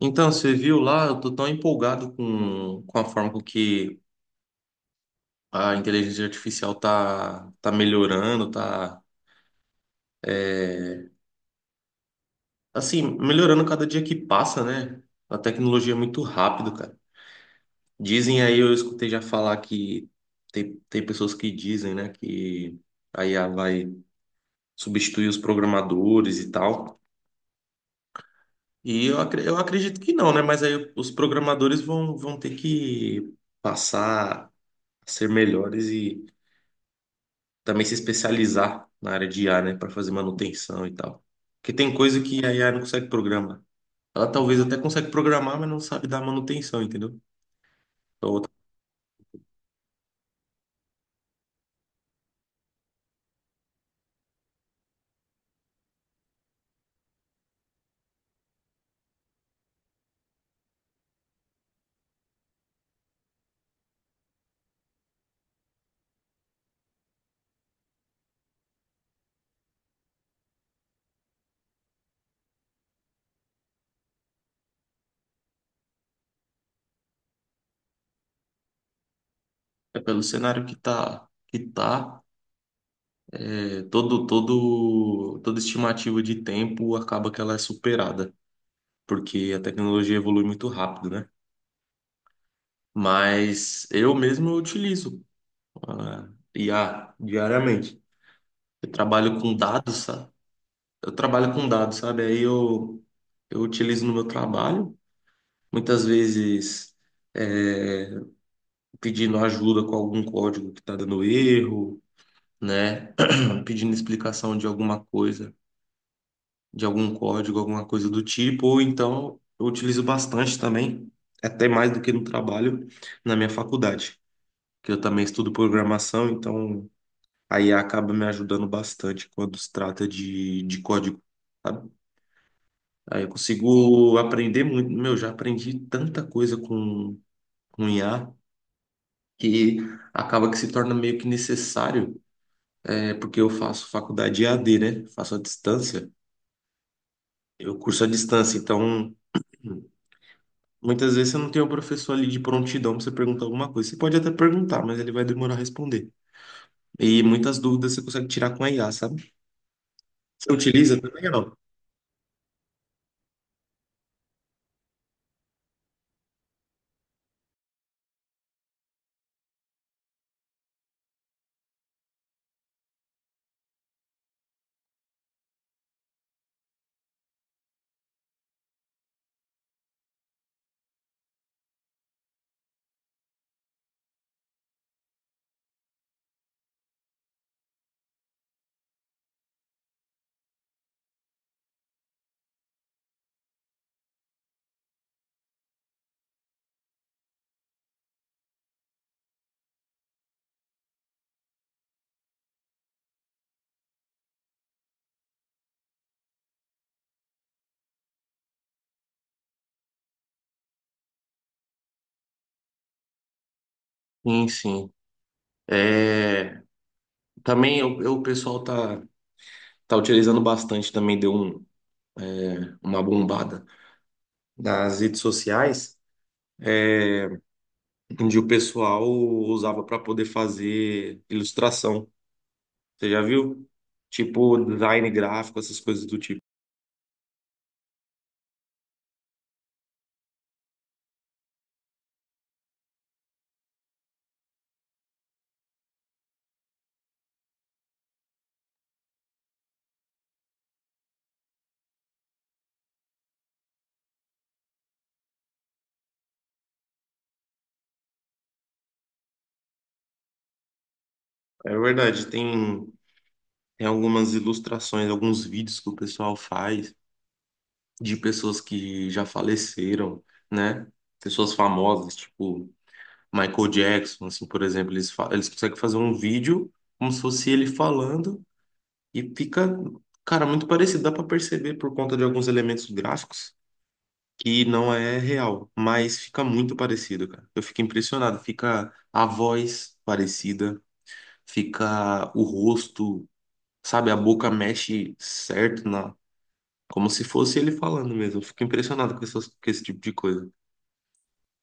Então, você viu lá, eu tô tão empolgado com a forma com que a inteligência artificial tá melhorando, tá, é, assim, melhorando cada dia que passa, né? A tecnologia é muito rápido, cara. Dizem aí, eu escutei já falar que tem pessoas que dizem, né, que a IA vai substituir os programadores e tal. E eu acredito que não, né? Mas aí os programadores vão ter que passar a ser melhores também se especializar na área de IA, né, para fazer manutenção e tal. Porque tem coisa que a IA não consegue programar. Ela talvez até consegue programar, mas não sabe dar manutenção, entendeu? Então, é pelo cenário que tá, toda estimativa de tempo acaba que ela é superada, porque a tecnologia evolui muito rápido, né? Mas eu mesmo utilizo ah, IA diariamente. Eu trabalho com dados, eu trabalho com dados, sabe? Eu utilizo no meu trabalho, muitas vezes é, pedindo ajuda com algum código que está dando erro, né? Pedindo explicação de alguma coisa, de algum código, alguma coisa do tipo, ou então eu utilizo bastante também, até mais do que no trabalho, na minha faculdade, que eu também estudo programação, então aí acaba me ajudando bastante quando se trata de código. Sabe? Aí eu consigo aprender muito. Meu, já aprendi tanta coisa com IA que acaba que se torna meio que necessário, é, porque eu faço faculdade EAD, né? Faço à distância. Eu curso à distância, então muitas vezes você não tem o professor ali de prontidão para você perguntar alguma coisa. Você pode até perguntar, mas ele vai demorar a responder. E muitas dúvidas você consegue tirar com a IA, sabe? Você utiliza também ou não? Sim, sim. É, também o pessoal tá, tá utilizando bastante, também deu um uma bombada nas redes sociais, é, onde o pessoal usava para poder fazer ilustração. Você já viu? Tipo design gráfico, essas coisas do tipo. É verdade, tem algumas ilustrações, alguns vídeos que o pessoal faz de pessoas que já faleceram, né? Pessoas famosas, tipo Michael Jackson, assim, por exemplo, eles conseguem fazer um vídeo como se fosse ele falando. E fica, cara, muito parecido. Dá pra perceber por conta de alguns elementos gráficos que não é real, mas fica muito parecido, cara. Eu fico impressionado. Fica a voz parecida, fica o rosto, sabe? A boca mexe certo na, como se fosse ele falando mesmo. Eu fico impressionado com com esse tipo de coisa.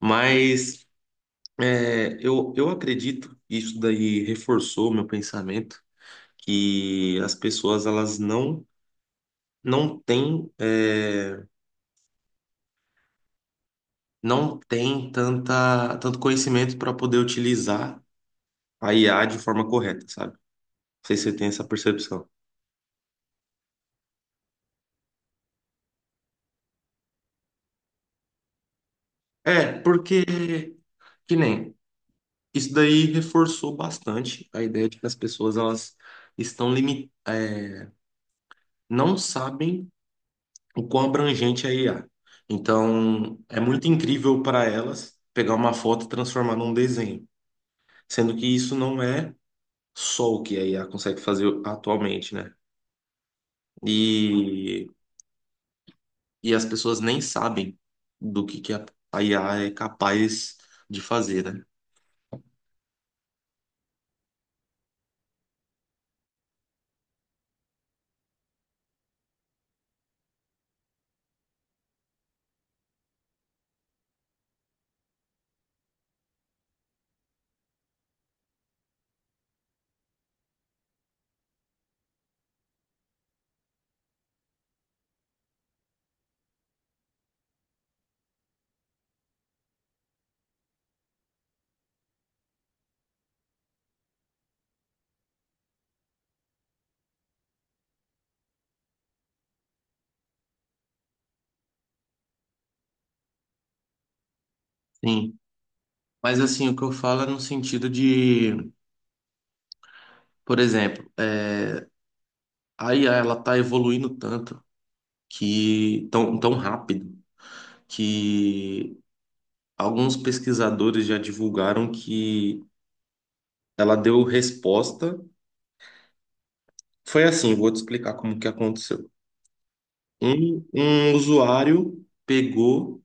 Mas eu acredito, isso daí reforçou o meu pensamento, que as pessoas elas não não têm é, não tem tanto conhecimento para poder utilizar a IA de forma correta, sabe? Não sei se você tem essa percepção. É, porque, que nem, isso daí reforçou bastante a ideia de que as pessoas, elas estão limitadas, não sabem o quão abrangente é a IA. Então, é muito incrível para elas pegar uma foto e transformar num desenho, sendo que isso não é só o que a IA consegue fazer atualmente, né? E e as pessoas nem sabem do que a IA é capaz de fazer, né? Sim. Mas assim, o que eu falo é no sentido de, por exemplo, é, a IA ela tá evoluindo tanto que tão rápido que alguns pesquisadores já divulgaram que ela deu resposta. Foi assim, vou te explicar como que aconteceu. Um usuário pegou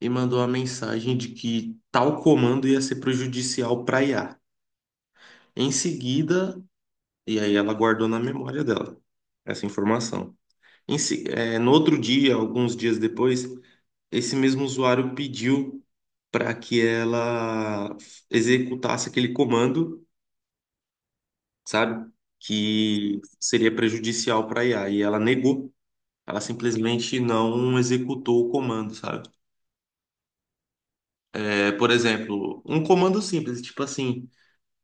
e mandou a mensagem de que tal comando ia ser prejudicial para IA. Em seguida, e aí ela guardou na memória dela essa informação. No outro dia, alguns dias depois, esse mesmo usuário pediu para que ela executasse aquele comando, sabe? Que seria prejudicial para IA. E ela negou. Ela simplesmente não executou o comando, sabe? É, por exemplo, um comando simples, tipo assim.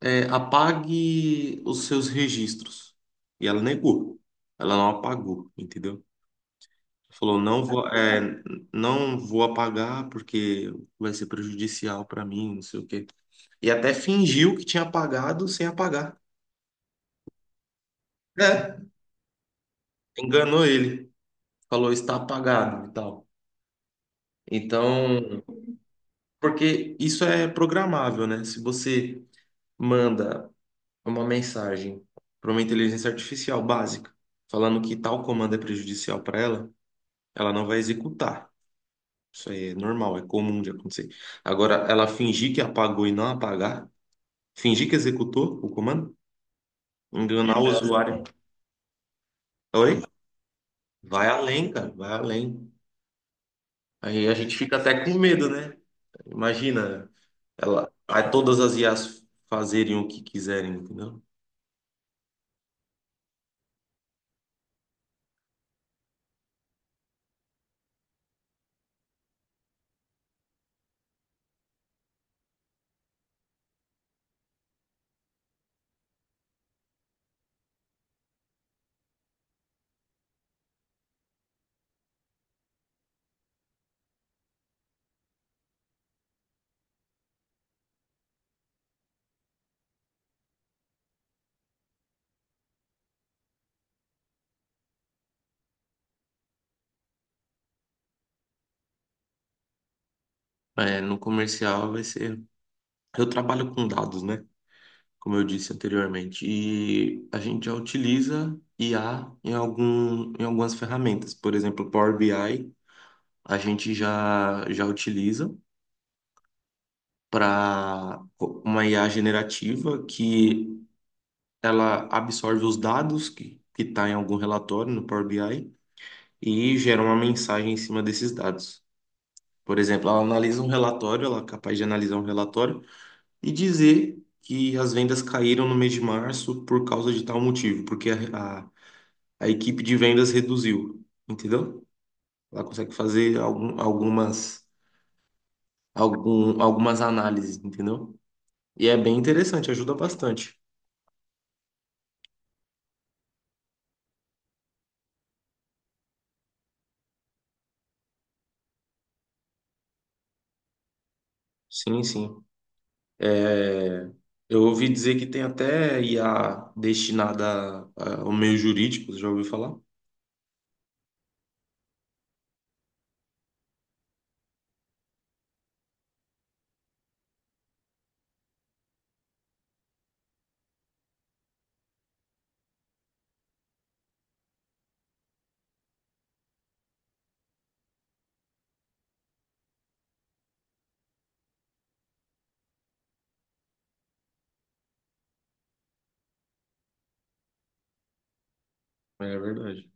É, apague os seus registros. E ela negou. Ela não apagou, entendeu? Falou, não vou apagar porque vai ser prejudicial para mim, não sei o quê. E até fingiu que tinha apagado sem apagar. É, enganou ele. Falou, está apagado e tal. Então, porque isso é programável, né? Se você manda uma mensagem para uma inteligência artificial básica falando que tal comando é prejudicial para ela, ela não vai executar. Isso aí é normal, é comum de acontecer. Agora, ela fingir que apagou e não apagar, fingir que executou o comando, enganar o usuário. Oi? Vai além, cara, vai além. Aí a gente fica até com medo, né? Imagina, ela, aí todas as IAs fazerem o que quiserem, entendeu? É, no comercial vai ser. Eu trabalho com dados, né? Como eu disse anteriormente. E a gente já utiliza IA em algumas ferramentas. Por exemplo, Power BI, a gente já utiliza para uma IA generativa que ela absorve os dados que está em algum relatório no Power BI e gera uma mensagem em cima desses dados. Por exemplo, ela analisa um relatório, ela é capaz de analisar um relatório e dizer que as vendas caíram no mês de março por causa de tal motivo, porque a equipe de vendas reduziu, entendeu? Ela consegue fazer algumas análises, entendeu? E é bem interessante, ajuda bastante. Sim, sim. É, eu ouvi dizer que tem até IA destinada a- ao meio jurídico, você já ouviu falar? É verdade.